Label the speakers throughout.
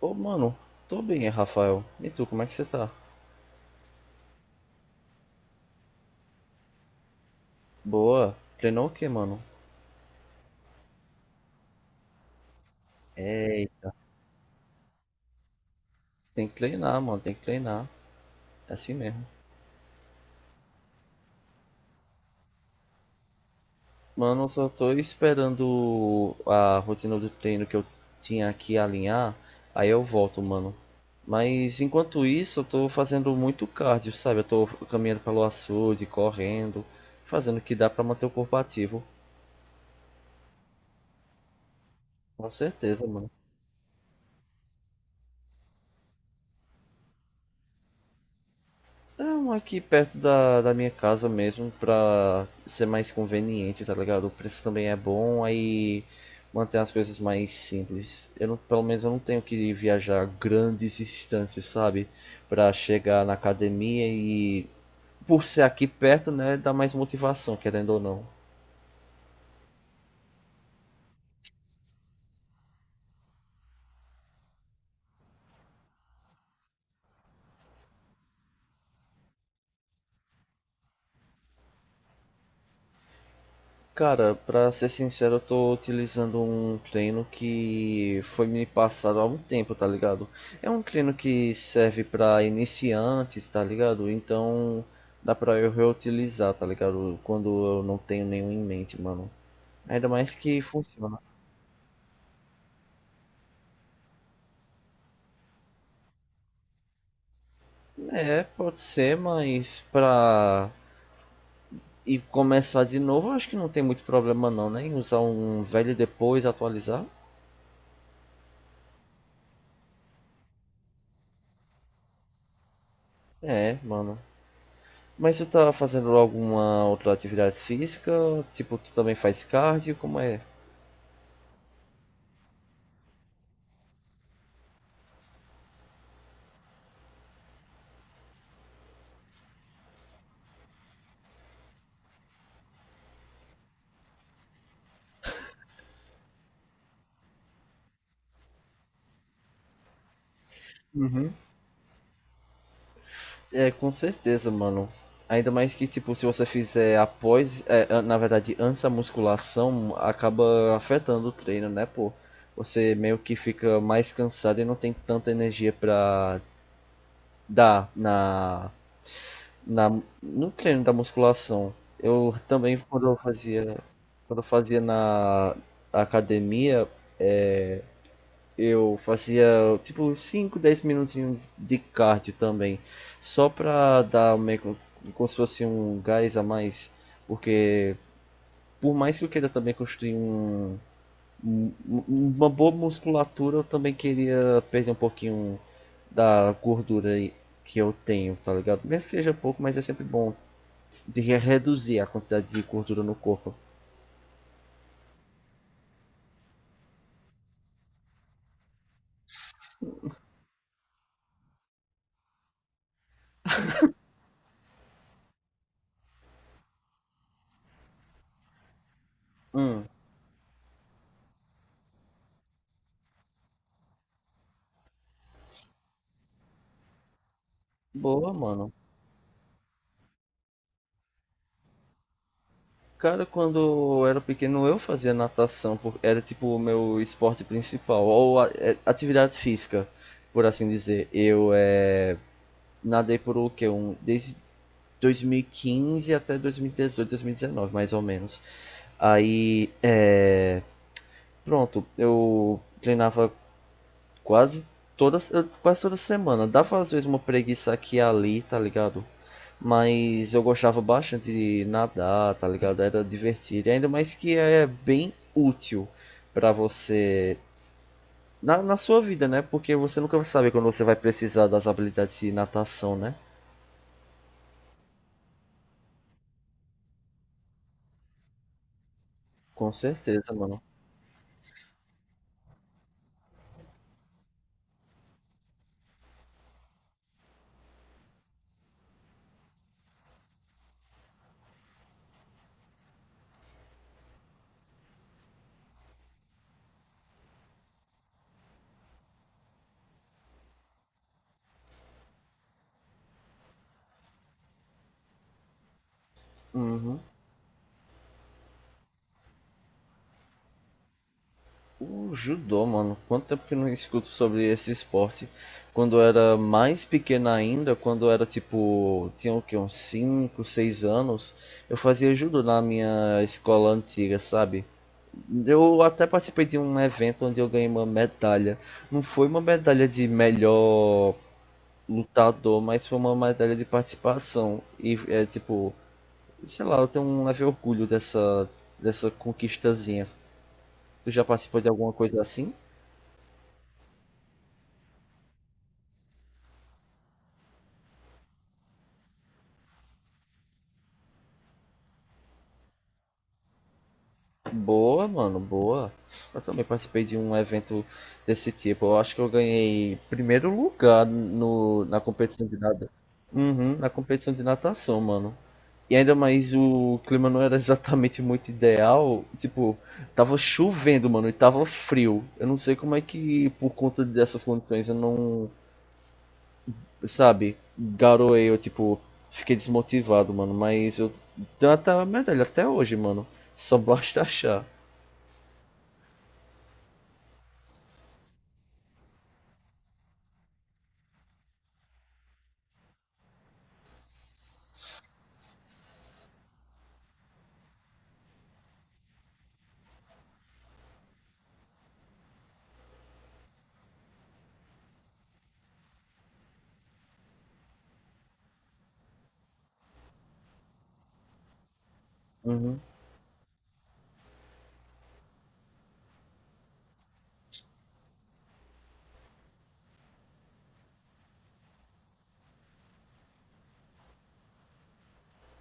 Speaker 1: Ô, mano, tô bem, Rafael. E tu, como é que você tá? Boa. Treinou o quê, mano? Eita. Tem que treinar, mano, tem que treinar. É assim mesmo. Mano, eu só tô esperando a rotina do treino que eu tinha aqui alinhar. Aí eu volto, mano. Mas enquanto isso, eu tô fazendo muito cardio, sabe? Eu tô caminhando pelo açude, correndo, fazendo o que dá pra manter o corpo ativo. Com certeza, mano. É um aqui perto da minha casa mesmo, pra ser mais conveniente, tá ligado? O preço também é bom, aí mantém as coisas mais simples. Eu não, pelo menos eu não tenho que viajar grandes distâncias, sabe? Pra chegar na academia e por ser aqui perto, né, dá mais motivação, querendo ou não. Cara, pra ser sincero, eu tô utilizando um treino que foi me passado há algum tempo, tá ligado? É um treino que serve pra iniciantes, tá ligado? Então dá pra eu reutilizar, tá ligado? Quando eu não tenho nenhum em mente, mano. Ainda mais que funciona. É, pode ser, mas pra e começar de novo, eu acho que não tem muito problema não, né? Em usar um velho e depois atualizar. É, mano. Mas tu tá fazendo alguma outra atividade física? Tipo, tu também faz cardio? Como é? Uhum. É, com certeza, mano. Ainda mais que, tipo, se você fizer após, na verdade, antes da musculação, acaba afetando o treino, né, pô? Você meio que fica mais cansado e não tem tanta energia pra dar na, no treino da musculação. Eu também, quando eu fazia na academia, é, eu fazia tipo 5 10 minutinhos de cardio também, só pra dar meio que- como se fosse um gás a mais, porque por mais que eu queira também construir um, uma boa musculatura, eu também queria perder um pouquinho da gordura aí que eu tenho, tá ligado? Mesmo que seja pouco, mas é sempre bom de reduzir a quantidade de gordura no corpo. Hum, boa, mano. Cara, quando eu era pequeno eu fazia natação, era tipo o meu esporte principal, ou atividade física, por assim dizer. Eu nadei por o quê? Um, desde 2015 até 2018, 2019, mais ou menos. Aí, pronto, eu treinava quase todas, quase toda semana. Dava às vezes uma preguiça aqui e ali, tá ligado? Mas eu gostava bastante de nadar, tá ligado? Era divertido. Ainda mais que é bem útil pra você na sua vida, né? Porque você nunca vai saber quando você vai precisar das habilidades de natação, né? Com certeza, mano. Uhum. O judô, mano, quanto tempo que eu não escuto sobre esse esporte? Quando eu era mais pequena ainda, quando eu era tipo, tinha o que uns 5, 6 anos, eu fazia judô na minha escola antiga, sabe? Eu até participei de um evento onde eu ganhei uma medalha. Não foi uma medalha de melhor lutador, mas foi uma medalha de participação. E é tipo, sei lá, eu tenho um leve orgulho dessa conquistazinha. Tu já participou de alguma coisa assim? Boa, mano, boa. Eu também participei de um evento desse tipo. Eu acho que eu ganhei primeiro lugar na competição de nada. Uhum, na competição de natação, mano. E ainda mais o clima não era exatamente muito ideal. Tipo, tava chovendo, mano, e tava frio. Eu não sei como é que, por conta dessas condições, eu não, sabe, garoei, eu, tipo, fiquei desmotivado, mano. Mas eu tenho até a medalha até hoje, mano. Só basta achar. Uhum.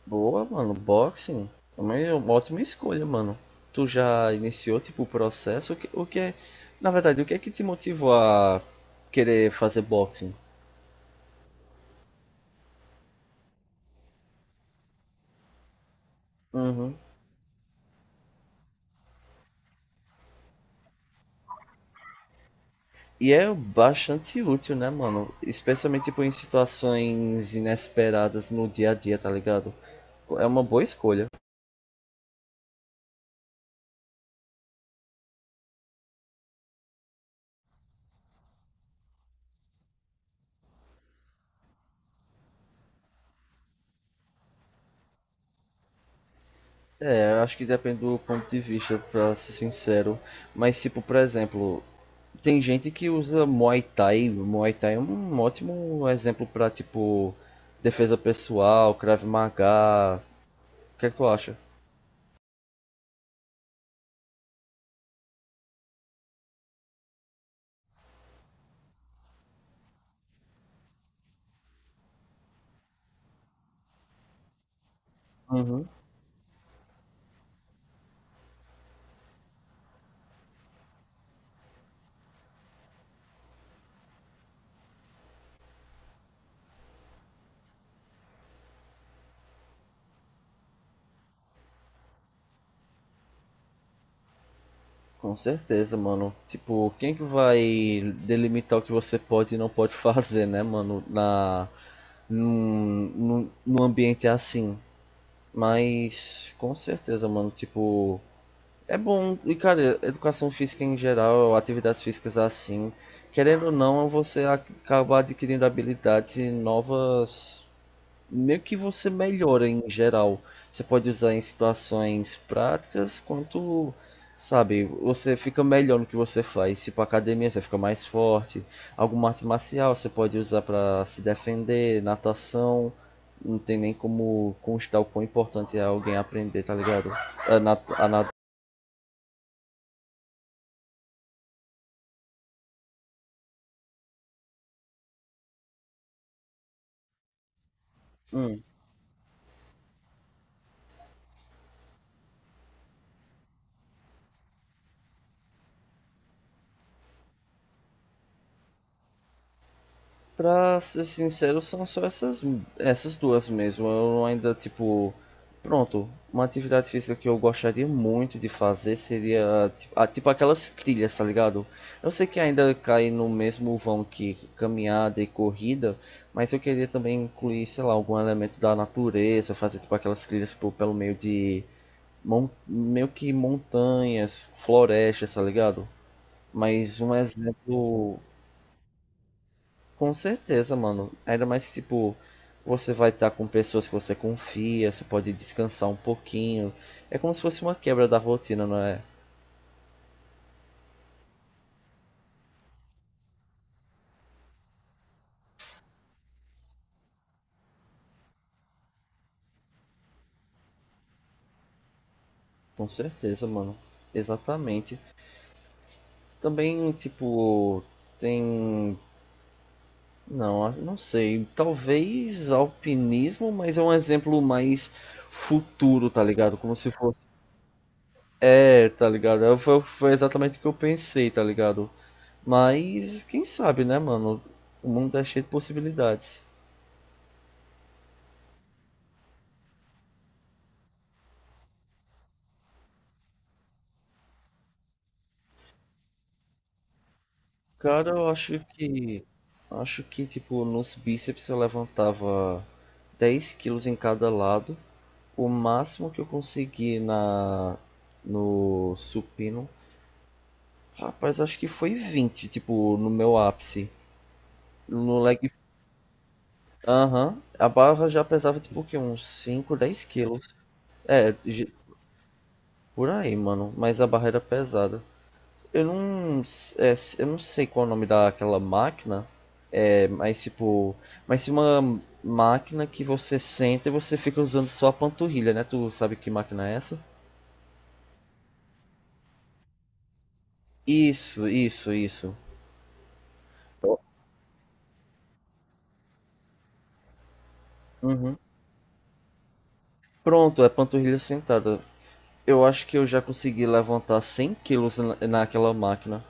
Speaker 1: Boa, mano. Boxing. Também é uma ótima escolha, mano. Tu já iniciou, tipo, o processo? O que é... Na verdade, o que é que te motivou a querer fazer boxing? Uhum. E é bastante útil, né, mano? Especialmente, tipo, em situações inesperadas no dia a dia, tá ligado? É uma boa escolha. É, eu acho que depende do ponto de vista, pra ser sincero. Mas, tipo, por exemplo, tem gente que usa Muay Thai. Muay Thai é um ótimo exemplo pra, tipo, defesa pessoal, Krav Maga. O que é que tu acha? Uhum. Com certeza, mano. Tipo, quem é que vai delimitar o que você pode e não pode fazer, né, mano? Num ambiente assim. Mas, com certeza, mano. Tipo, é bom, e cara, educação física em geral, atividades físicas assim, querendo ou não, você acaba adquirindo habilidades novas, meio que você melhora em geral. Você pode usar em situações práticas, quanto, sabe, você fica melhor no que você faz. Se pra academia você fica mais forte, alguma arte marcial você pode usar pra se defender, natação, não tem nem como constar o quão importante é alguém aprender, tá ligado? A nat- hum. Pra ser sincero, são só essas duas mesmo. Eu ainda, tipo. Pronto, uma atividade física que eu gostaria muito de fazer seria tipo, ah, tipo aquelas trilhas, tá ligado? Eu sei que ainda cai no mesmo vão que caminhada e corrida, mas eu queria também incluir, sei lá, algum elemento da natureza, fazer tipo aquelas trilhas tipo, pelo meio de meio que montanhas, florestas, tá ligado? Mas um exemplo com certeza, mano. Ainda mais que, tipo, você vai estar com pessoas que você confia, você pode descansar um pouquinho. É como se fosse uma quebra da rotina, não é? Com certeza, mano. Exatamente. Também, tipo, tem. Não, não sei. Talvez alpinismo, mas é um exemplo mais futuro, tá ligado? Como se fosse. É, tá ligado? Foi exatamente o que eu pensei, tá ligado? Mas, quem sabe, né, mano? O mundo é cheio de possibilidades. Cara, eu acho que. Acho que, tipo, nos bíceps eu levantava 10 quilos em cada lado. O máximo que eu consegui na. No supino. Rapaz, acho que foi 20 tipo, no meu ápice. No leg. Aham. A barra já pesava, tipo, o quê? Uns 5 10 quilos. É, por aí, mano. Mas a barra era pesada. Eu não. Eu não sei qual é o nome daquela máquina. É, mas tipo, mas se uma máquina que você senta e você fica usando só a panturrilha, né? Tu sabe que máquina é essa? Isso, isso, isso. Uhum. Pronto, é panturrilha sentada. Eu acho que eu já consegui levantar 100 quilos na- naquela máquina.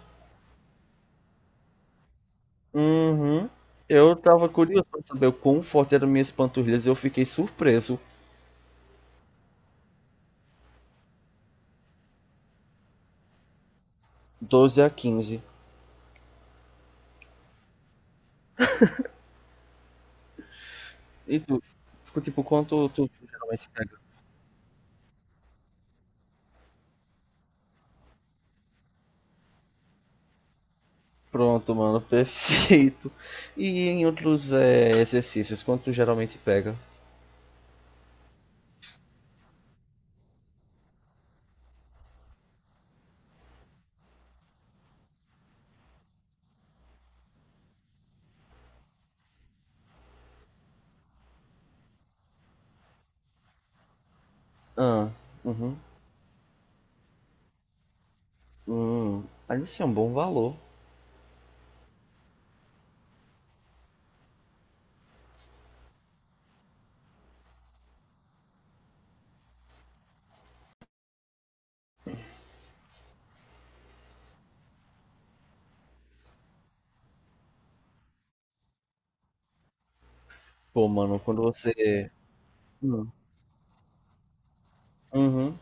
Speaker 1: Uhum. Eu tava curioso pra saber o quão forte eram minhas panturrilhas e eu fiquei surpreso. 12 a 15. E tu? Tipo, quanto tu geralmente pronto, mano, perfeito. E em outros exercícios, quanto geralmente pega? Ah, uhum. Mas isso é um bom valor. Pô, mano, quando você. Hum, uhum,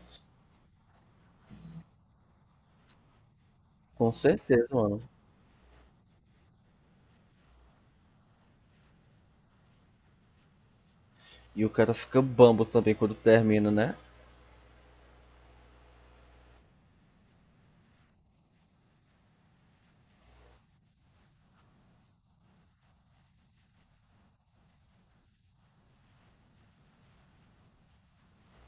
Speaker 1: com certeza, mano. E o cara fica bambo também quando termina, né?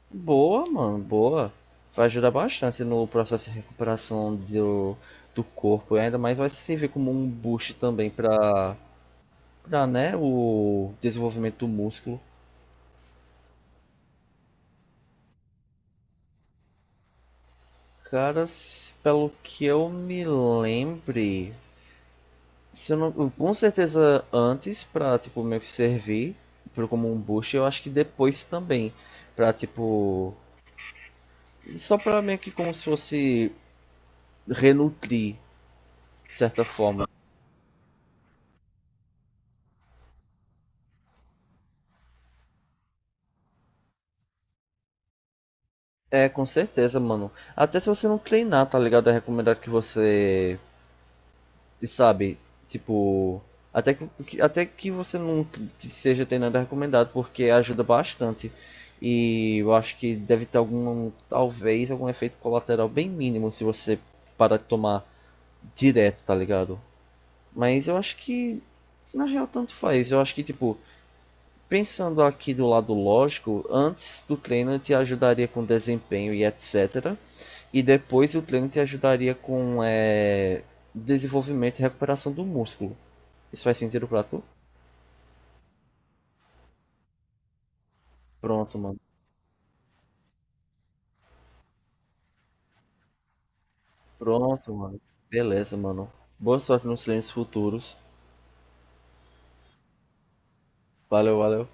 Speaker 1: Boa, mano, boa. Vai ajudar bastante no processo de recuperação do corpo. E ainda mais vai servir como um boost também pra, né, o desenvolvimento do músculo. Cara, pelo que eu me lembre, se eu não, com certeza antes pra tipo meio que servir pro como um boost, eu acho que depois também pra tipo só pra meio que como se fosse renutrir de certa forma. É, com certeza, mano. Até se você não treinar, tá ligado? É recomendado que você sabe, tipo, até que você não seja ter nada recomendado, porque ajuda bastante. E eu acho que deve ter algum, talvez, algum efeito colateral bem mínimo se você parar de tomar direto, tá ligado? Mas eu acho que, na real, tanto faz. Eu acho que, tipo, pensando aqui do lado lógico, antes do treino te ajudaria com desempenho e etc. E depois o treino te ajudaria com desenvolvimento e recuperação do músculo. Isso faz sentido pra tu? Pronto, mano. Pronto, mano. Beleza, mano. Boa sorte nos treinos futuros. Valeu, valeu.